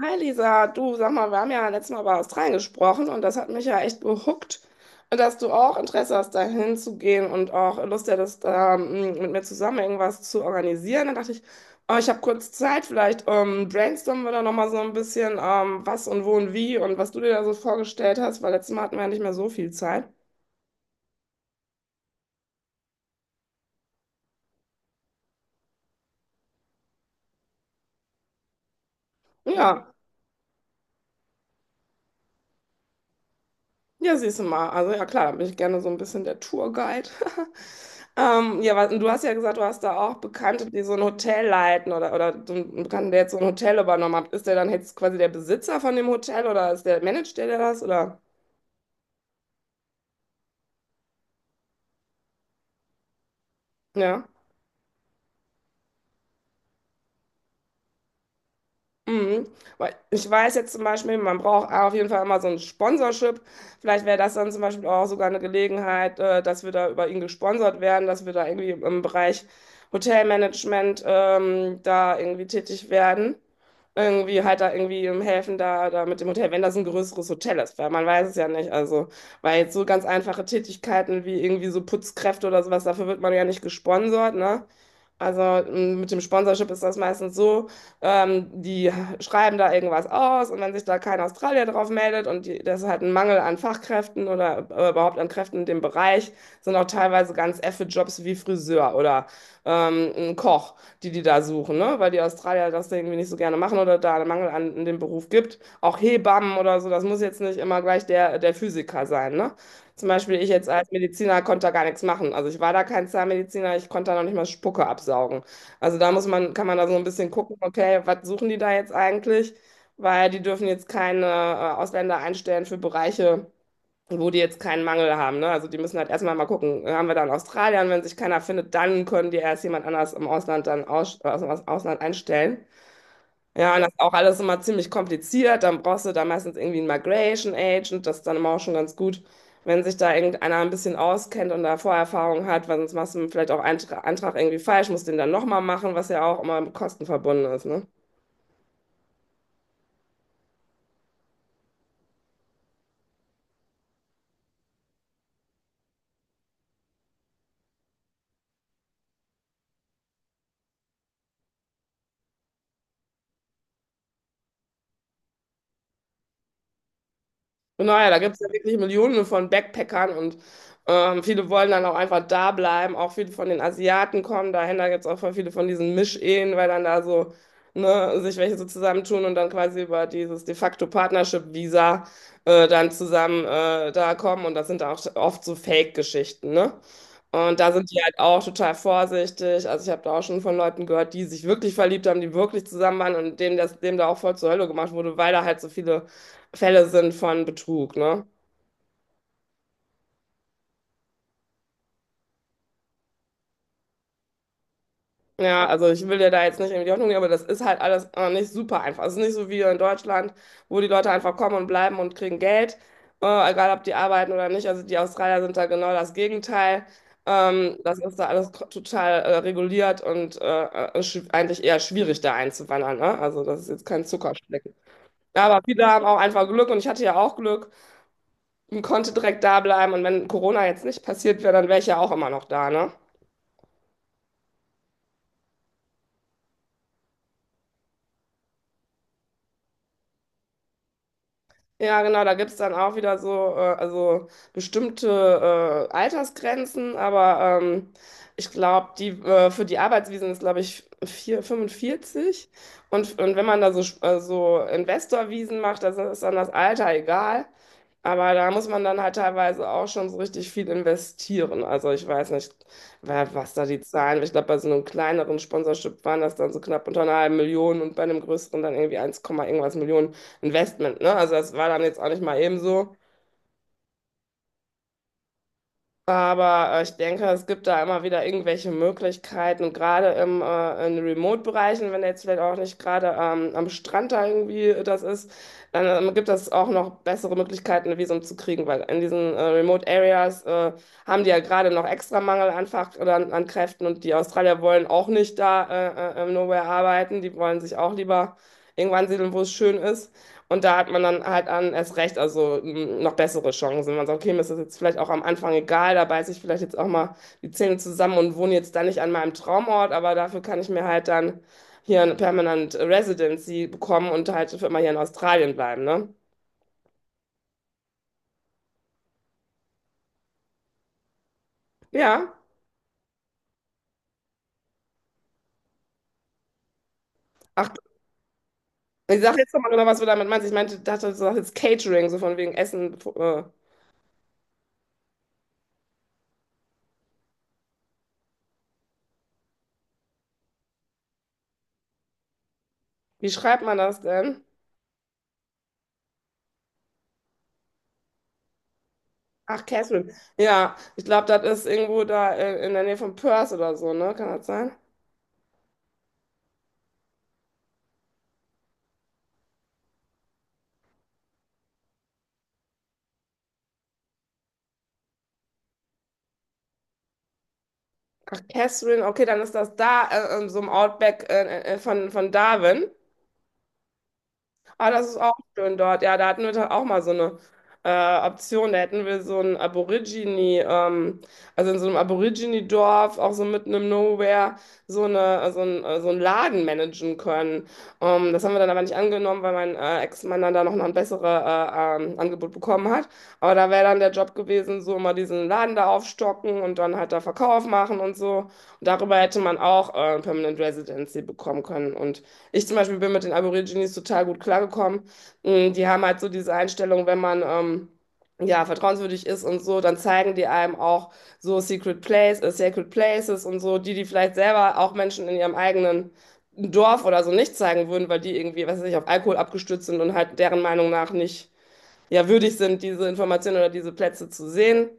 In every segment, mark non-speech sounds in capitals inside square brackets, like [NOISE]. Hi Lisa, du sag mal, wir haben ja letztes Mal über Australien gesprochen und das hat mich ja echt behuckt, dass du auch Interesse hast, da hinzugehen und auch Lust hättest, mit mir zusammen irgendwas zu organisieren. Dann dachte ich, oh, ich habe kurz Zeit, vielleicht brainstormen wir da nochmal so ein bisschen, was und wo und wie und was du dir da so vorgestellt hast, weil letztes Mal hatten wir ja nicht mehr so viel Zeit. Ja. Ja, siehst du mal. Also ja, klar, da bin ich gerne so ein bisschen der Tourguide. [LAUGHS] Ja, was, und du hast ja gesagt, du hast da auch Bekannte, die so ein Hotel leiten oder so einen Bekannten, der jetzt so ein Hotel übernommen hat. Ist der dann jetzt quasi der Besitzer von dem Hotel oder ist der, managt der das oder? Ja. Mhm. Weil ich weiß jetzt zum Beispiel, man braucht auf jeden Fall immer so ein Sponsorship. Vielleicht wäre das dann zum Beispiel auch sogar eine Gelegenheit, dass wir da über ihn gesponsert werden, dass wir da irgendwie im Bereich Hotelmanagement da irgendwie tätig werden. Irgendwie halt da irgendwie im helfen da, da mit dem Hotel, wenn das ein größeres Hotel ist, weil man weiß es ja nicht. Also, weil jetzt so ganz einfache Tätigkeiten wie irgendwie so Putzkräfte oder sowas, dafür wird man ja nicht gesponsert, ne? Also mit dem Sponsorship ist das meistens so. Die schreiben da irgendwas aus, und wenn sich da kein Australier drauf meldet und die, das ist halt ein Mangel an Fachkräften oder überhaupt an Kräften in dem Bereich, sind auch teilweise ganz effe Jobs wie Friseur oder ein Koch, die da suchen, ne? Weil die Australier das irgendwie nicht so gerne machen oder da einen Mangel an in dem Beruf gibt. Auch Hebammen oder so, das muss jetzt nicht immer gleich der, der Physiker sein, ne? Zum Beispiel ich jetzt als Mediziner konnte da gar nichts machen. Also ich war da kein Zahnmediziner, ich konnte da noch nicht mal Spucke absaugen. Also da muss man, kann man da so ein bisschen gucken, okay, was suchen die da jetzt eigentlich? Weil die dürfen jetzt keine Ausländer einstellen für Bereiche, wo die jetzt keinen Mangel haben. Ne? Also die müssen halt erstmal mal gucken, haben wir da einen Australier? Und wenn sich keiner findet, dann können die erst jemand anders im Ausland dann aus dem Ausland einstellen. Ja, und das ist auch alles immer ziemlich kompliziert. Dann brauchst du da meistens irgendwie einen Migration Agent. Das ist dann immer auch schon ganz gut, wenn sich da irgendeiner ein bisschen auskennt und da Vorerfahrung hat, weil sonst machst du vielleicht auch einen Antrag irgendwie falsch, musst den dann nochmal machen, was ja auch immer mit Kosten verbunden ist, ne? Und naja, da gibt es ja wirklich Millionen von Backpackern und viele wollen dann auch einfach da bleiben. Auch viele von den Asiaten kommen dahin. Da gibt es auch voll viele von diesen Mischehen, weil dann da so ne, sich welche so zusammentun und dann quasi über dieses de facto Partnership-Visa dann zusammen da kommen. Und das sind auch oft so Fake-Geschichten, ne? Und da sind die halt auch total vorsichtig. Also ich habe da auch schon von Leuten gehört, die sich wirklich verliebt haben, die wirklich zusammen waren und denen das, dem da auch voll zur Hölle gemacht wurde, weil da halt so viele Fälle sind von Betrug, ne? Ja, also ich will dir da jetzt nicht irgendwie die Hoffnung nehmen, aber das ist halt alles nicht super einfach. Es ist nicht so wie hier in Deutschland, wo die Leute einfach kommen und bleiben und kriegen Geld, egal ob die arbeiten oder nicht. Also die Australier sind da genau das Gegenteil. Das ist da alles total reguliert und eigentlich eher schwierig, da einzuwandern, ne? Also das ist jetzt kein Zuckerschlecken. Ja, aber viele haben auch einfach Glück und ich hatte ja auch Glück und konnte direkt da bleiben. Und wenn Corona jetzt nicht passiert wäre, dann wäre ich ja auch immer noch da, ne? Ja, genau, da gibt's dann auch wieder so, also bestimmte Altersgrenzen, aber ich glaube, die für die Arbeitsvisen ist, glaube ich, 45. Und wenn man da so, so Investorvisen macht, das ist dann das Alter egal. Aber da muss man dann halt teilweise auch schon so richtig viel investieren. Also ich weiß nicht, was da die Zahlen, ich glaube, bei so einem kleineren Sponsorship waren das dann so knapp unter einer halben Million und bei einem größeren dann irgendwie eins Komma irgendwas Millionen. Investment, ne? Also das war dann jetzt auch nicht mal eben so. Aber ich denke, es gibt da immer wieder irgendwelche Möglichkeiten, und gerade in Remote-Bereichen, wenn jetzt vielleicht auch nicht gerade am Strand da irgendwie das ist, dann gibt es auch noch bessere Möglichkeiten, ein Visum zu kriegen, weil in diesen Remote-Areas haben die ja gerade noch extra Mangel an Fach oder an, an Kräften, und die Australier wollen auch nicht da im Nowhere arbeiten, die wollen sich auch lieber irgendwann siedeln, wo es schön ist. Und da hat man dann halt an, erst recht, also noch bessere Chancen. Man sagt, okay, mir ist das jetzt vielleicht auch am Anfang egal, da beiße ich vielleicht jetzt auch mal die Zähne zusammen und wohne jetzt dann nicht an meinem Traumort, aber dafür kann ich mir halt dann hier eine Permanent Residency bekommen und halt für immer hier in Australien bleiben, ne? Ja. Ach, ich sag jetzt nochmal genau, was du damit meinst. Ich meinte, dachte, du sagst jetzt Catering, so von wegen Essen. Wie schreibt man das denn? Ach, Catherine. Ja, ich glaube, das ist irgendwo da in der Nähe von Perth oder so, ne? Kann das sein? Ach, Catherine, okay, dann ist das da in so einem Outback von Darwin. Ah, das ist auch schön dort. Ja, da hatten wir doch auch mal so eine Option. Da hätten wir so ein Aborigine, also in so einem Aborigine-Dorf, auch so mitten im Nowhere, so eine, so ein, so einen Laden managen können. Das haben wir dann aber nicht angenommen, weil mein Ex-Mann dann da noch ein besseres Angebot bekommen hat. Aber da wäre dann der Job gewesen, so mal diesen Laden da aufstocken und dann halt da Verkauf machen und so. Und darüber hätte man auch Permanent Residency bekommen können. Und ich zum Beispiel bin mit den Aborigines total gut klargekommen. Die haben halt so diese Einstellung, wenn man ja vertrauenswürdig ist und so, dann zeigen die einem auch so Secret Place, Sacred Places und so, die die vielleicht selber auch Menschen in ihrem eigenen Dorf oder so nicht zeigen würden, weil die irgendwie, was weiß ich, auf Alkohol abgestützt sind und halt deren Meinung nach nicht ja würdig sind, diese Informationen oder diese Plätze zu sehen.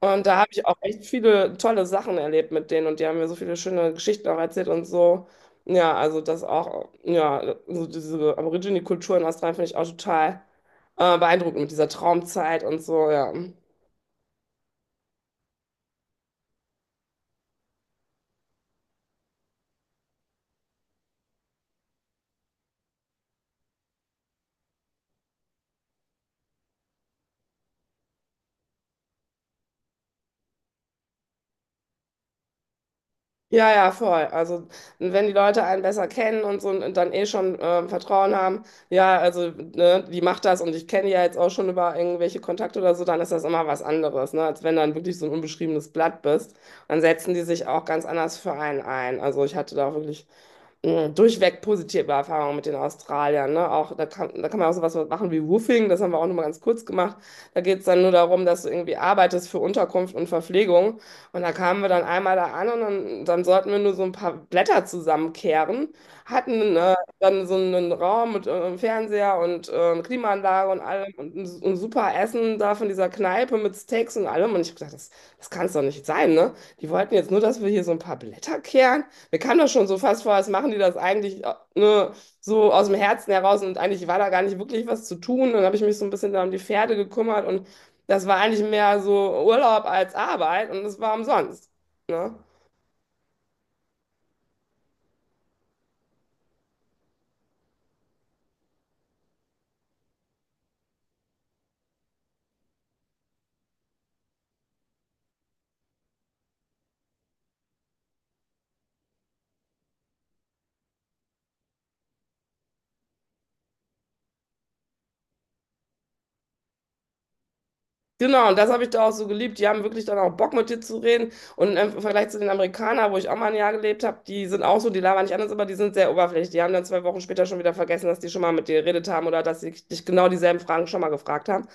Und da habe ich auch echt viele tolle Sachen erlebt mit denen, und die haben mir so viele schöne Geschichten auch erzählt und so. Ja, also das auch, ja, also diese Aborigine-Kultur in Australien finde ich auch total beeindruckend mit dieser Traumzeit und so, ja. Ja, ja, voll. Also, wenn die Leute einen besser kennen und so und dann eh schon Vertrauen haben, ja, also, ne, die macht das und ich kenne die ja jetzt auch schon über irgendwelche Kontakte oder so, dann ist das immer was anderes, ne, als wenn du dann wirklich so ein unbeschriebenes Blatt bist. Dann setzen die sich auch ganz anders für einen ein. Also, ich hatte da wirklich durchweg positive Erfahrungen mit den Australiern. Ne? Auch, da kann man auch sowas machen wie Woofing, das haben wir auch nochmal ganz kurz gemacht. Da geht es dann nur darum, dass du irgendwie arbeitest für Unterkunft und Verpflegung. Und da kamen wir dann einmal da an und dann, dann sollten wir nur so ein paar Blätter zusammenkehren, hatten dann so einen Raum mit Fernseher und Klimaanlage und allem und ein super Essen da von dieser Kneipe mit Steaks und allem. Und ich habe gedacht, das, das kann es doch nicht sein, ne? Die wollten jetzt nur, dass wir hier so ein paar Blätter kehren, mir kam das schon so fast vor, was machen die das eigentlich, ne, so aus dem Herzen heraus, und eigentlich war da gar nicht wirklich was zu tun. Dann habe ich mich so ein bisschen da um die Pferde gekümmert, und das war eigentlich mehr so Urlaub als Arbeit, und es war umsonst, ne? Genau, und das habe ich da auch so geliebt. Die haben wirklich dann auch Bock, mit dir zu reden. Und im Vergleich zu den Amerikanern, wo ich auch mal ein Jahr gelebt habe, die sind auch so, die labern nicht anders, aber die sind sehr oberflächlich. Die haben dann 2 Wochen später schon wieder vergessen, dass die schon mal mit dir geredet haben oder dass sie dich genau dieselben Fragen schon mal gefragt haben.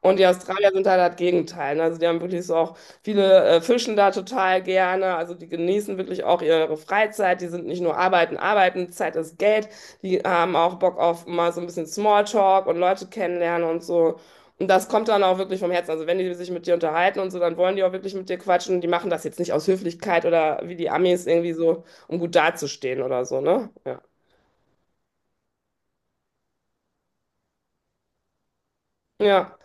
Und die Australier sind halt das Gegenteil. Ne? Also die haben wirklich so auch viele fischen da total gerne. Also die genießen wirklich auch ihre Freizeit. Die sind nicht nur arbeiten, arbeiten, Zeit ist Geld. Die haben auch Bock auf mal so ein bisschen Smalltalk und Leute kennenlernen und so. Und das kommt dann auch wirklich vom Herzen. Also wenn die sich mit dir unterhalten und so, dann wollen die auch wirklich mit dir quatschen. Die machen das jetzt nicht aus Höflichkeit oder wie die Amis irgendwie so, um gut dazustehen oder so, ne? Ja. Ja.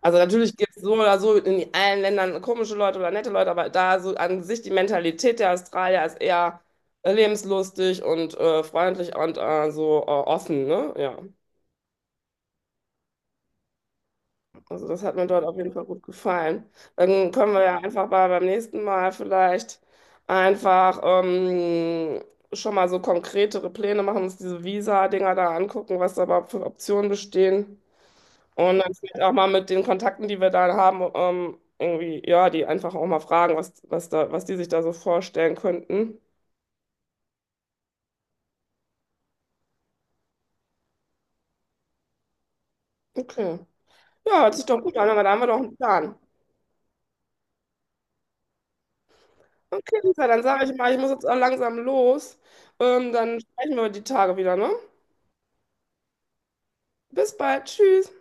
Also natürlich gibt es so oder so in allen Ländern komische Leute oder nette Leute, aber da so an sich die Mentalität der Australier ist eher lebenslustig und freundlich und offen, ne? Ja. Also das hat mir dort auf jeden Fall gut gefallen. Dann können wir ja einfach mal beim nächsten Mal vielleicht einfach schon mal so konkretere Pläne machen, uns diese Visa-Dinger da angucken, was da überhaupt für Optionen bestehen. Und dann vielleicht auch mal mit den Kontakten, die wir da haben, irgendwie, ja, die einfach auch mal fragen, was, was da, was die sich da so vorstellen könnten. Okay. Ja, hört sich doch gut an, aber da haben wir doch einen Plan. Okay, Lisa, dann sage ich mal, ich muss jetzt auch langsam los. Dann sprechen wir die Tage wieder, ne? Bis bald. Tschüss.